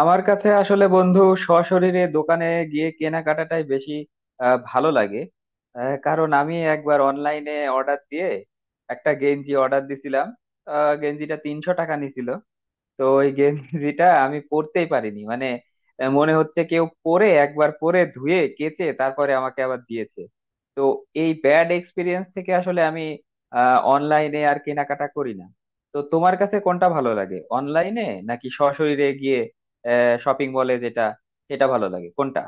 আমার কাছে আসলে বন্ধু সশরীরে দোকানে গিয়ে কেনাকাটাটাই বেশি ভালো লাগে। কারণ আমি একবার অনলাইনে অর্ডার দিয়ে একটা গেঞ্জি অর্ডার দিছিলাম। গেঞ্জিটা 300 টাকা নিছিল। তো ওই গেঞ্জিটা আমি পরতেই পারিনি মানে মনে হচ্ছে কেউ পরে একবার পরে ধুয়ে কেচে তারপরে আমাকে আবার দিয়েছে। তো এই ব্যাড এক্সপিরিয়েন্স থেকে আসলে আমি অনলাইনে আর কেনাকাটা করি না। তো তোমার কাছে কোনটা ভালো লাগে, অনলাইনে নাকি সশরীরে গিয়ে শপিং মলে, যেটা সেটা ভালো লাগে কোনটা?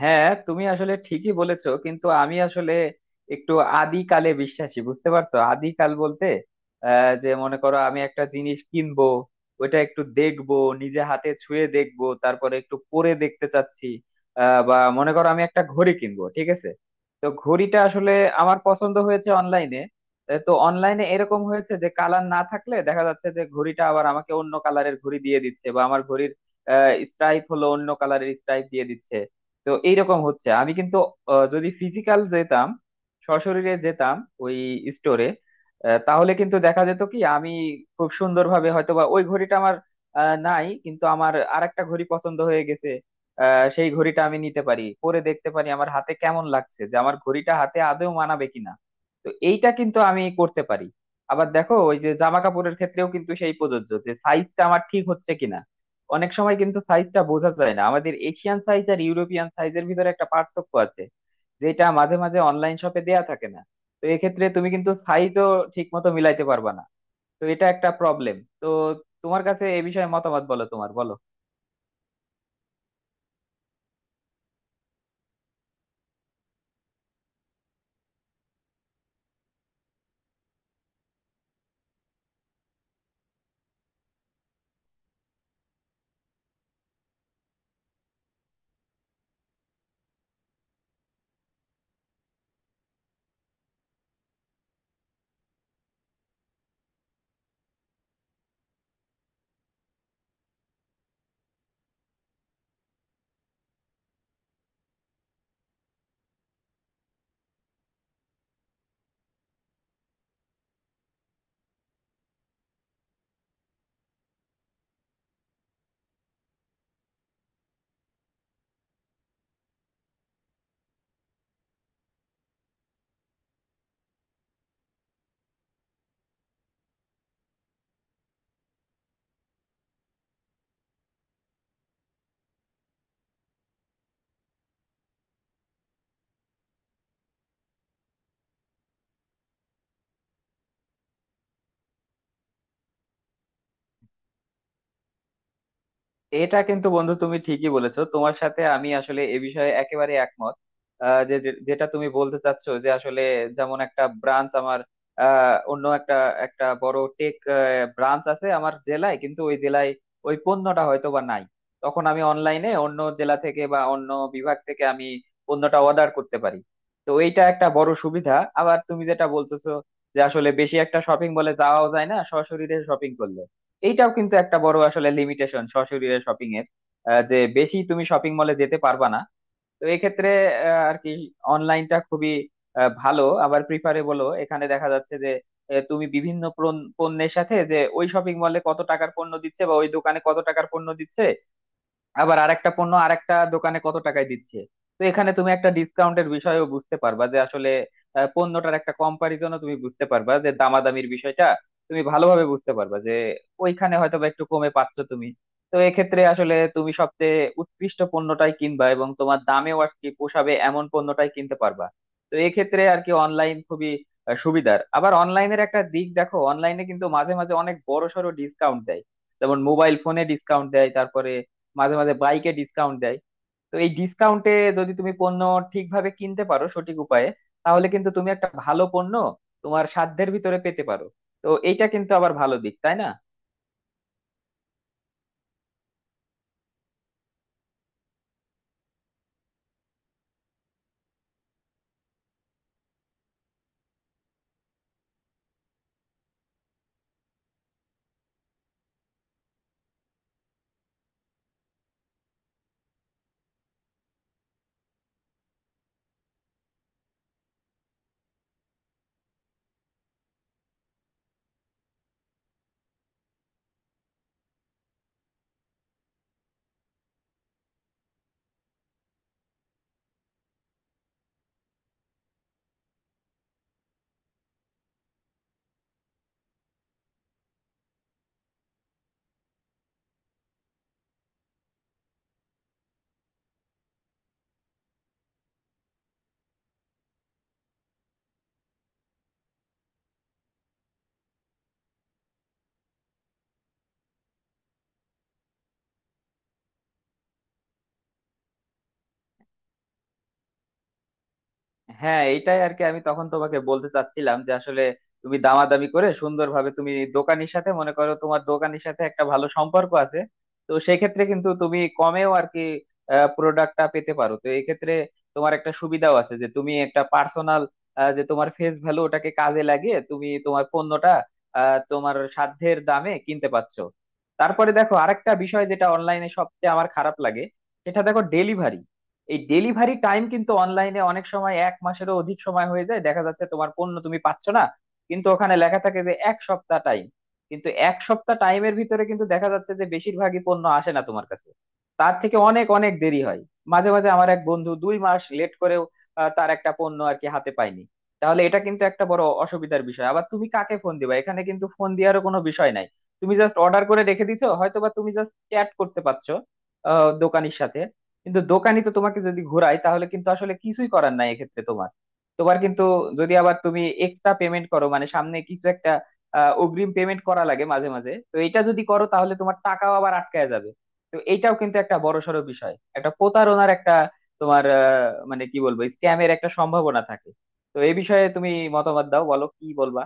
হ্যাঁ তুমি আসলে ঠিকই বলেছো, কিন্তু আমি আসলে একটু আদিকালে বিশ্বাসী, বুঝতে পারছো? আদিকাল বলতে যে মনে করো আমি একটা জিনিস কিনবো, ওইটা একটু দেখবো, নিজে হাতে ছুঁয়ে দেখবো, তারপরে একটু পরে দেখতে চাচ্ছি। বা মনে করো আমি একটা ঘড়ি কিনবো, ঠিক আছে। তো ঘড়িটা আসলে আমার পছন্দ হয়েছে অনলাইনে। তো অনলাইনে এরকম হয়েছে যে কালার না থাকলে দেখা যাচ্ছে যে ঘড়িটা আবার আমাকে অন্য কালারের ঘড়ি দিয়ে দিচ্ছে, বা আমার ঘড়ির স্ট্রাইপ হলো অন্য কালারের স্ট্রাইপ দিয়ে দিচ্ছে। তো এইরকম হচ্ছে। আমি কিন্তু যদি ফিজিক্যাল যেতাম, সশরীরে যেতাম ওই স্টোরে, তাহলে কিন্তু দেখা যেত কি আমি খুব সুন্দরভাবে হয়তো বা ওই ঘড়িটা আমার নাই, কিন্তু আমার আরেকটা ঘড়ি পছন্দ হয়ে গেছে। সেই ঘড়িটা আমি নিতে পারি, পরে দেখতে পারি আমার হাতে কেমন লাগছে, যে আমার ঘড়িটা হাতে আদৌ মানাবে কিনা। তো এইটা কিন্তু আমি করতে পারি। আবার দেখো ওই যে জামা কাপড়ের ক্ষেত্রেও কিন্তু সেই প্রযোজ্য, যে সাইজটা আমার ঠিক হচ্ছে কিনা। অনেক সময় কিন্তু সাইজটা বোঝা যায় না, আমাদের এশিয়ান সাইজ আর ইউরোপিয়ান সাইজের ভিতরে একটা পার্থক্য আছে, যেটা মাঝে মাঝে অনলাইন শপে দেয়া থাকে না। তো এক্ষেত্রে তুমি কিন্তু সাইজও ঠিক মতো মিলাইতে পারবা না। তো এটা একটা প্রবলেম। তো তোমার কাছে এ বিষয়ে মতামত বলো, তোমার বলো। এটা কিন্তু বন্ধু তুমি ঠিকই বলেছো, তোমার সাথে আমি আসলে এ বিষয়ে একেবারে একমত। যে যে- যেটা তুমি বলতে চাচ্ছ যে আসলে যেমন একটা ব্রাঞ্চ আমার অন্য একটা একটা বড় টেক ব্রাঞ্চ আছে আমার জেলায়, কিন্তু ওই জেলায় ওই পণ্যটা হয়তো বা নাই। তখন আমি অনলাইনে অন্য জেলা থেকে বা অন্য বিভাগ থেকে আমি পণ্যটা অর্ডার করতে পারি। তো এইটা একটা বড় সুবিধা। আবার তুমি যেটা বলতেছো যে আসলে বেশি একটা শপিং মলে যাওয়াও যায় না সশরীরে শপিং করলে, এইটাও কিন্তু একটা বড় আসলে লিমিটেশন সশরীরে শপিং এর। যে বেশি তুমি শপিং মলে যেতে পারবা না। তো এক্ষেত্রে আর কি অনলাইনটা খুবই ভালো, আবার প্রিফারেবলও। এখানে দেখা যাচ্ছে যে তুমি বিভিন্ন পণ্যের সাথে, যে ওই শপিং মলে কত টাকার পণ্য দিচ্ছে বা ওই দোকানে কত টাকার পণ্য দিচ্ছে, আবার আরেকটা পণ্য আরেকটা দোকানে কত টাকায় দিচ্ছে। তো এখানে তুমি একটা ডিসকাউন্টের বিষয়ও বুঝতে পারবা যে আসলে পণ্যটার একটা কম্পারিজনও তুমি বুঝতে পারবা, যে দামাদামির বিষয়টা তুমি ভালোভাবে বুঝতে পারবা যে ওইখানে হয়তো বা একটু কমে পাচ্ছ তুমি। তো এক্ষেত্রে আসলে তুমি সবচেয়ে উৎকৃষ্ট পণ্যটাই কিনবা, এবং তোমার দামেও আর কি পোষাবে এমন পণ্যটাই কিনতে পারবা। তো এক্ষেত্রে আর কি অনলাইন খুবই সুবিধার। আবার অনলাইনের একটা দিক দেখো, অনলাইনে কিন্তু মাঝে মাঝে অনেক বড় সড়ো ডিসকাউন্ট দেয়, যেমন মোবাইল ফোনে ডিসকাউন্ট দেয়, তারপরে মাঝে মাঝে বাইকে ডিসকাউন্ট দেয়। তো এই ডিসকাউন্টে যদি তুমি পণ্য ঠিকভাবে কিনতে পারো সঠিক উপায়ে, তাহলে কিন্তু তুমি একটা ভালো পণ্য তোমার সাধ্যের ভিতরে পেতে পারো। তো এইটা কিন্তু আবার ভালো দিক, তাই না? হ্যাঁ এইটাই আর কি আমি তখন তোমাকে বলতে চাচ্ছিলাম, যে আসলে তুমি দামাদামি করে সুন্দরভাবে তুমি দোকানের সাথে, মনে করো তোমার দোকানের সাথে একটা ভালো সম্পর্ক আছে, তো সেক্ষেত্রে কিন্তু তুমি কমেও আর কি প্রোডাক্টটা পেতে পারো। তো এই ক্ষেত্রে তোমার একটা সুবিধাও আছে, যে তুমি একটা পার্সোনাল, যে তোমার ফেস ভ্যালু ওটাকে কাজে লাগিয়ে তুমি তোমার পণ্যটা তোমার সাধ্যের দামে কিনতে পারছো। তারপরে দেখো আরেকটা বিষয় যেটা অনলাইনে সবচেয়ে আমার খারাপ লাগে, সেটা দেখো ডেলিভারি। এই ডেলিভারি টাইম কিন্তু অনলাইনে অনেক সময় এক মাসেরও অধিক সময় হয়ে যায়, দেখা যাচ্ছে তোমার পণ্য তুমি পাচ্ছ না, কিন্তু ওখানে লেখা থাকে যে এক সপ্তাহ টাইম। কিন্তু এক সপ্তাহ টাইমের ভিতরে কিন্তু দেখা যাচ্ছে যে বেশিরভাগই পণ্য আসে না তোমার কাছে, তার থেকে অনেক অনেক দেরি হয়। মাঝে মাঝে আমার এক বন্ধু 2 মাস লেট করেও তার একটা পণ্য আর কি হাতে পায়নি। তাহলে এটা কিন্তু একটা বড় অসুবিধার বিষয়। আবার তুমি কাকে ফোন দিবা, এখানে কিন্তু ফোন দেওয়ারও কোনো বিষয় নাই। তুমি জাস্ট অর্ডার করে রেখে দিছো, হয়তোবা তুমি জাস্ট চ্যাট করতে পারছো দোকানির সাথে। কিন্তু দোকানি তো তোমাকে যদি ঘোরায় তাহলে কিন্তু আসলে কিছুই করার নাই এক্ষেত্রে তোমার। তোমার কিন্তু যদি আবার তুমি এক্সট্রা পেমেন্ট করো, মানে সামনে কিছু একটা অগ্রিম পেমেন্ট করা লাগে মাঝে মাঝে, তো এটা যদি করো তাহলে তোমার টাকাও আবার আটকায় যাবে। তো এটাও কিন্তু একটা বড়সড় বিষয়, একটা প্রতারণার একটা তোমার মানে কি বলবো, স্ক্যামের একটা সম্ভাবনা থাকে। তো এই বিষয়ে তুমি মতামত দাও, বলো কি বলবা।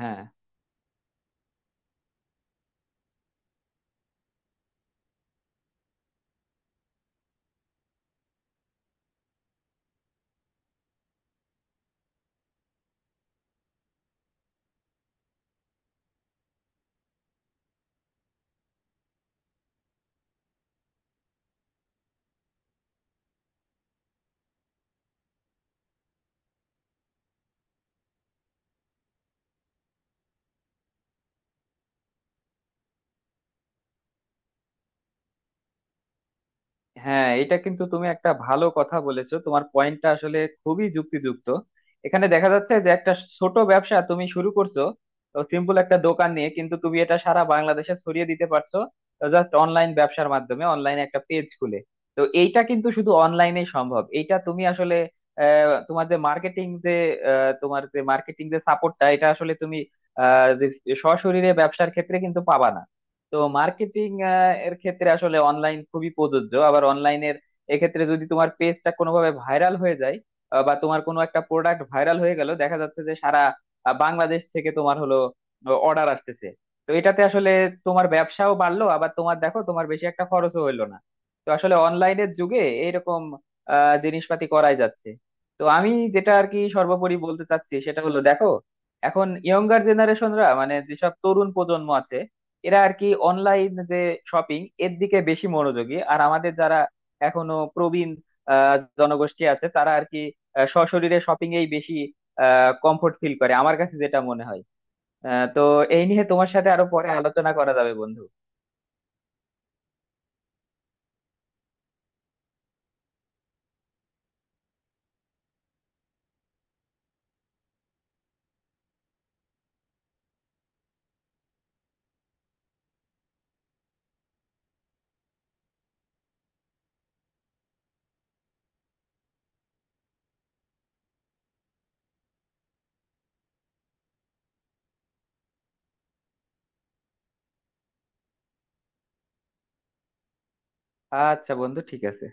হ্যাঁ, হ্যাঁ, এটা কিন্তু তুমি একটা ভালো কথা বলেছো, তোমার পয়েন্টটা আসলে খুবই যুক্তিযুক্ত। এখানে দেখা যাচ্ছে যে একটা ছোট ব্যবসা তুমি শুরু করছো সিম্পল একটা দোকান নিয়ে, কিন্তু তুমি এটা সারা বাংলাদেশে ছড়িয়ে দিতে পারছো জাস্ট অনলাইন ব্যবসার মাধ্যমে, অনলাইনে একটা পেজ খুলে। তো এইটা কিন্তু শুধু অনলাইনে সম্ভব। এইটা তুমি আসলে আহ, তোমার যে মার্কেটিং যে আহ, তোমার যে মার্কেটিং যে সাপোর্টটা, এটা আসলে তুমি আহ, যে সশরীরে ব্যবসার ক্ষেত্রে কিন্তু পাবা না। তো মার্কেটিং এর ক্ষেত্রে আসলে অনলাইন খুবই প্রযোজ্য। আবার অনলাইনের এক্ষেত্রে যদি তোমার পেজটা কোনোভাবে ভাইরাল হয়ে যায় বা তোমার কোনো একটা প্রোডাক্ট ভাইরাল হয়ে গেল, দেখা যাচ্ছে যে সারা বাংলাদেশ থেকে তোমার হলো অর্ডার আসতেছে। তো এটাতে আসলে তোমার ব্যবসাও বাড়লো, আবার তোমার দেখো তোমার বেশি একটা খরচও হইলো না। তো আসলে অনলাইনের যুগে এইরকম জিনিসপাতি করাই যাচ্ছে। তো আমি যেটা আর কি সর্বোপরি বলতে চাচ্ছি সেটা হলো দেখো, এখন ইয়ঙ্গার জেনারেশনরা, মানে যেসব তরুণ প্রজন্ম আছে, এরা আর কি অনলাইন যে শপিং এর দিকে বেশি মনোযোগী। আর আমাদের যারা এখনো প্রবীণ আহ, জনগোষ্ঠী আছে, তারা আর কি সশরীরে শপিং এই বেশি কমফোর্ট ফিল করে, আমার কাছে যেটা মনে হয়। তো এই নিয়ে তোমার সাথে আরো পরে আলোচনা করা যাবে বন্ধু। আচ্ছা বন্ধু, ঠিক আছে।